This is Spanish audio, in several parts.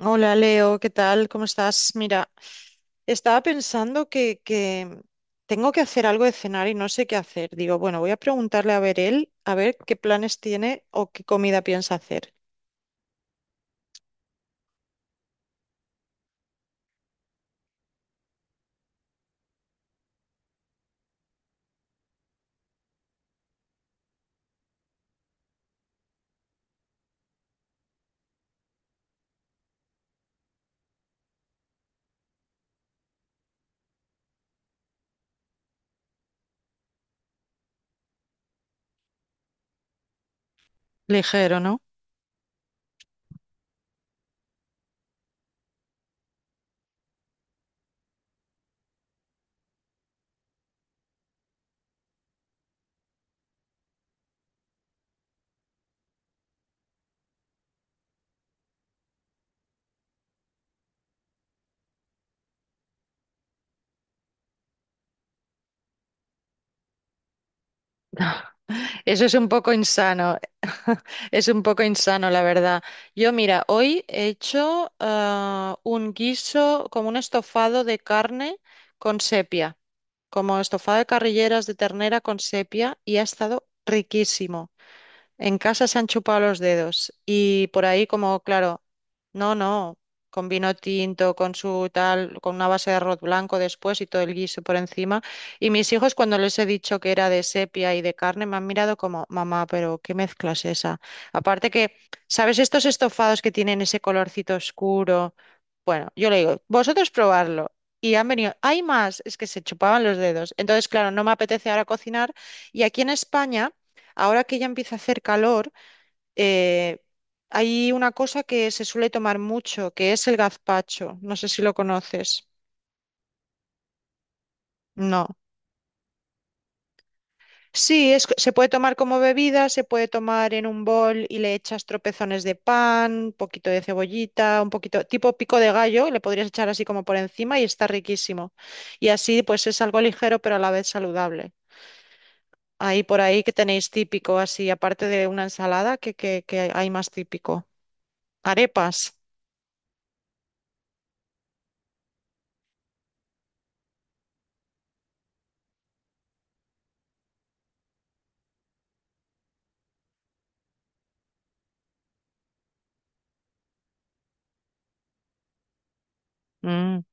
Hola Leo, ¿qué tal? ¿Cómo estás? Mira, estaba pensando que tengo que hacer algo de cenar y no sé qué hacer. Digo, bueno, voy a preguntarle a ver él, a ver qué planes tiene o qué comida piensa hacer. Ligero, ¿no? Eso es un poco insano, es un poco insano, la verdad. Yo, mira, hoy he hecho un guiso como un estofado de carne con sepia, como estofado de carrilleras de ternera con sepia y ha estado riquísimo. En casa se han chupado los dedos y por ahí como, claro, no, no, con vino tinto, con su tal, con una base de arroz blanco después y todo el guiso por encima. Y mis hijos cuando les he dicho que era de sepia y de carne me han mirado como, mamá, pero ¿qué mezcla es esa? Aparte que, ¿sabes estos estofados que tienen ese colorcito oscuro? Bueno, yo le digo, vosotros probarlo. Y han venido, hay más, es que se chupaban los dedos. Entonces, claro, no me apetece ahora cocinar. Y aquí en España… Ahora que ya empieza a hacer calor, eh, hay una cosa que se suele tomar mucho, que es el gazpacho. No sé si lo conoces. No. Sí, es, se puede tomar como bebida, se puede tomar en un bol y le echas tropezones de pan, un poquito de cebollita, un poquito, tipo pico de gallo, le podrías echar así como por encima y está riquísimo. Y así pues es algo ligero pero a la vez saludable. Ahí por ahí que tenéis típico así, aparte de una ensalada, que, ¿hay más típico? Arepas. Mm.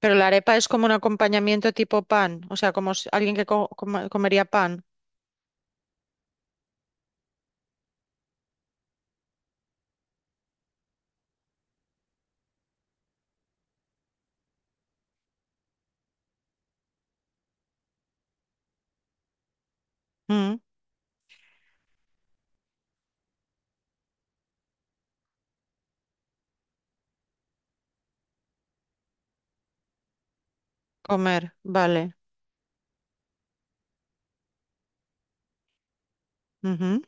Pero la arepa es como un acompañamiento tipo pan, o sea, como si- alguien que co- coma- comería pan. Mm, comer, vale. Ujú.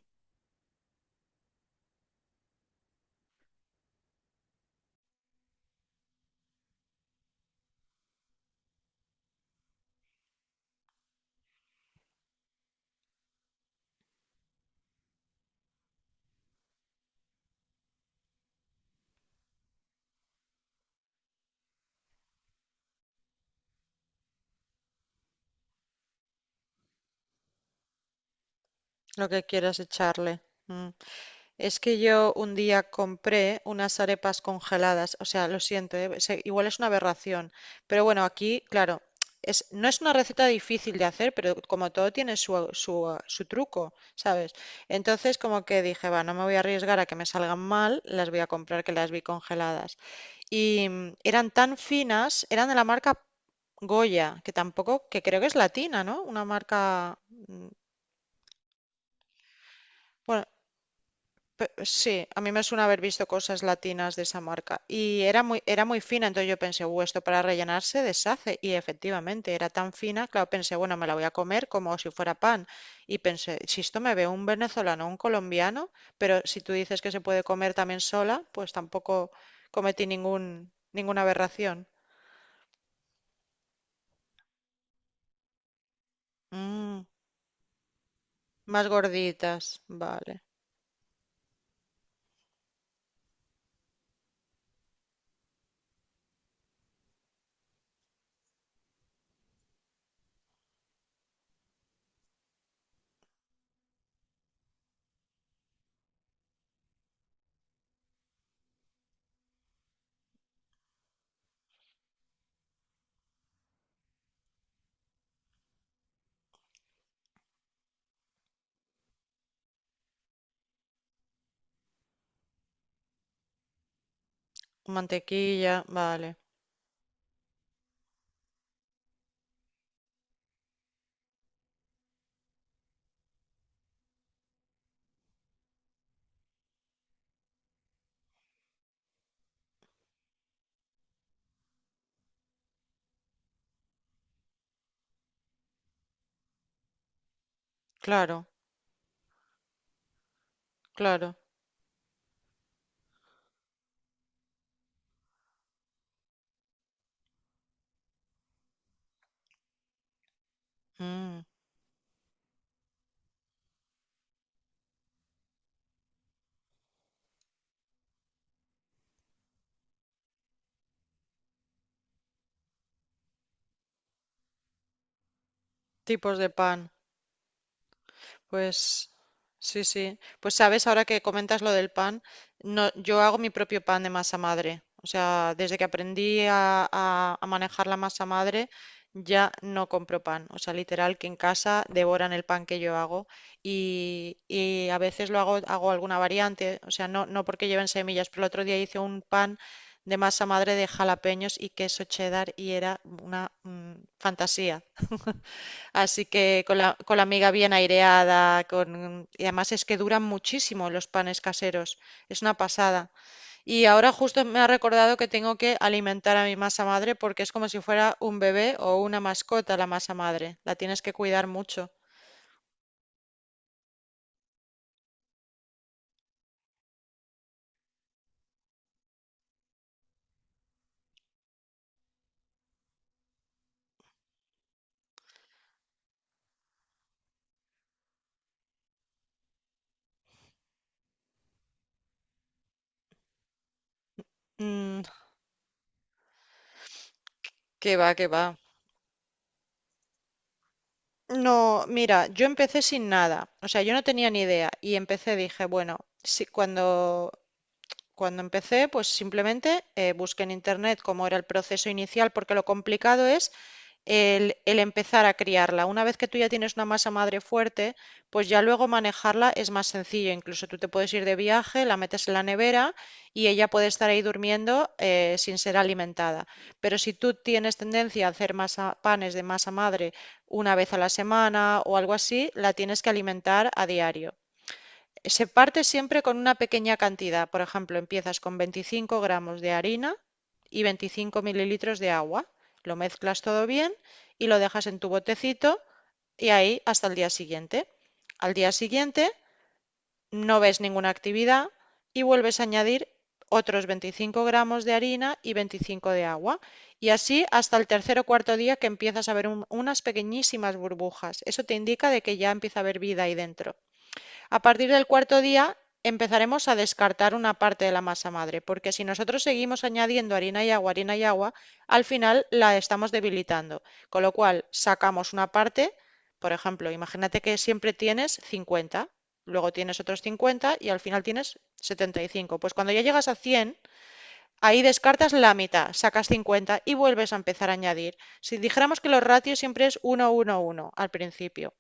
Lo que quieras echarle. Mm. Es que yo un día compré unas arepas congeladas, o sea, lo siento, igual es una aberración, pero bueno, aquí, claro, no es una receta difícil de hacer, pero como todo tiene su, su, su truco, ¿sabes? Entonces como que dije, va, no me voy a arriesgar a que me salgan mal, las voy a comprar que las vi congeladas. Y eran tan finas, eran de la marca Goya, que tampoco, que creo que es latina, ¿no? Una marca, mm, bueno, sí, a mí me suena haber visto cosas latinas de esa marca. Y era muy fina, entonces yo pensé, esto para rellenarse deshace". Y efectivamente, era tan fina, claro, pensé, bueno, me la voy a comer como si fuera pan. Y pensé, si esto me ve un venezolano, un colombiano, pero si tú dices que se puede comer también sola, pues tampoco cometí ninguna aberración. Mm. Más gorditas, vale. Mantequilla, vale. Claro, claro. Mm. Tipos de pan. Pues sí, sí. Pues sabes, ahora que comentas lo del pan, no, yo hago mi propio pan de masa madre. O sea, desde que aprendí a manejar la masa madre, ya no compro pan. O sea, literal que en casa devoran el pan que yo hago y a veces lo hago, hago alguna variante. O sea, no, no porque lleven semillas, pero el otro día hice un pan de masa madre de jalapeños y queso cheddar y era una fantasía. Así que con la miga bien aireada, con… y además es que duran muchísimo los panes caseros, es una pasada. Y ahora justo me ha recordado que tengo que alimentar a mi masa madre porque es como si fuera un bebé o una mascota la masa madre, la tienes que cuidar mucho. Mm, qué va, qué va. No, mira, yo empecé sin nada, o sea, yo no tenía ni idea y empecé, dije, bueno, si cuando empecé, pues simplemente busqué en internet cómo era el proceso inicial, porque lo complicado es el empezar a criarla. Una vez que tú ya tienes una masa madre fuerte, pues ya luego manejarla es más sencillo. Incluso tú te puedes ir de viaje, la metes en la nevera y ella puede estar ahí durmiendo sin ser alimentada. Pero si tú tienes tendencia a hacer panes de masa madre una vez a la semana o algo así, la tienes que alimentar a diario. Se parte siempre con una pequeña cantidad, por ejemplo, empiezas con 25 gramos de harina y 25 mililitros de agua, lo mezclas todo bien y lo dejas en tu botecito y ahí hasta el día siguiente. Al día siguiente no ves ninguna actividad y vuelves a añadir otros 25 gramos de harina y 25 de agua. Y así hasta el tercer o cuarto día que empiezas a ver unas pequeñísimas burbujas. Eso te indica de que ya empieza a haber vida ahí dentro. A partir del cuarto día empezaremos a descartar una parte de la masa madre, porque si nosotros seguimos añadiendo harina y agua, al final la estamos debilitando. Con lo cual sacamos una parte, por ejemplo, imagínate que siempre tienes 50, luego tienes otros 50 y al final tienes 75. Pues cuando ya llegas a 100, ahí descartas la mitad, sacas 50 y vuelves a empezar a añadir. Si dijéramos que los ratios siempre es 1, 1, 1 al principio.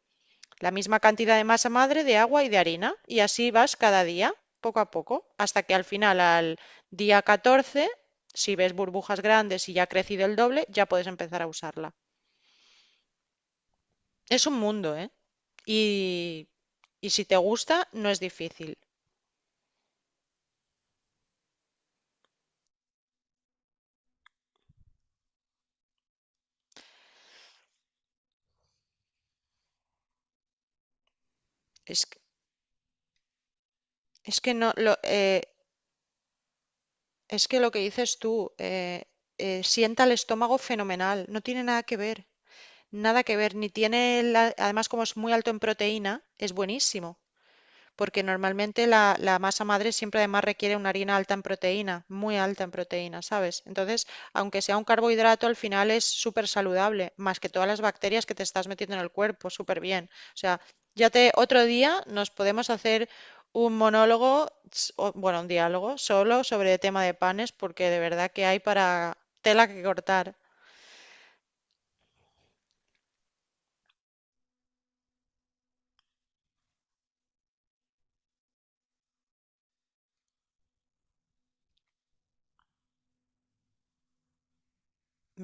La misma cantidad de masa madre, de agua y de harina. Y así vas cada día, poco a poco, hasta que al final, al día 14 si ves burbujas grandes y ya ha crecido el doble, ya puedes empezar a usarla. Es un mundo, ¿eh? Y, y si te gusta, no es difícil. Es, es que no, lo, es que lo que dices tú, sienta el estómago fenomenal, no tiene nada que ver. Nada que ver, ni tiene, además como es muy alto en proteína, es buenísimo. Porque normalmente la masa madre siempre además requiere una harina alta en proteína, muy alta en proteína, ¿sabes? Entonces, aunque sea un carbohidrato, al final es súper saludable, más que todas las bacterias que te estás metiendo en el cuerpo, súper bien. O sea, ya te, otro día nos podemos hacer un monólogo, o, bueno, un diálogo solo sobre el tema de panes, porque de verdad que hay para tela que cortar.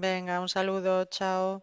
Venga, un saludo, chao.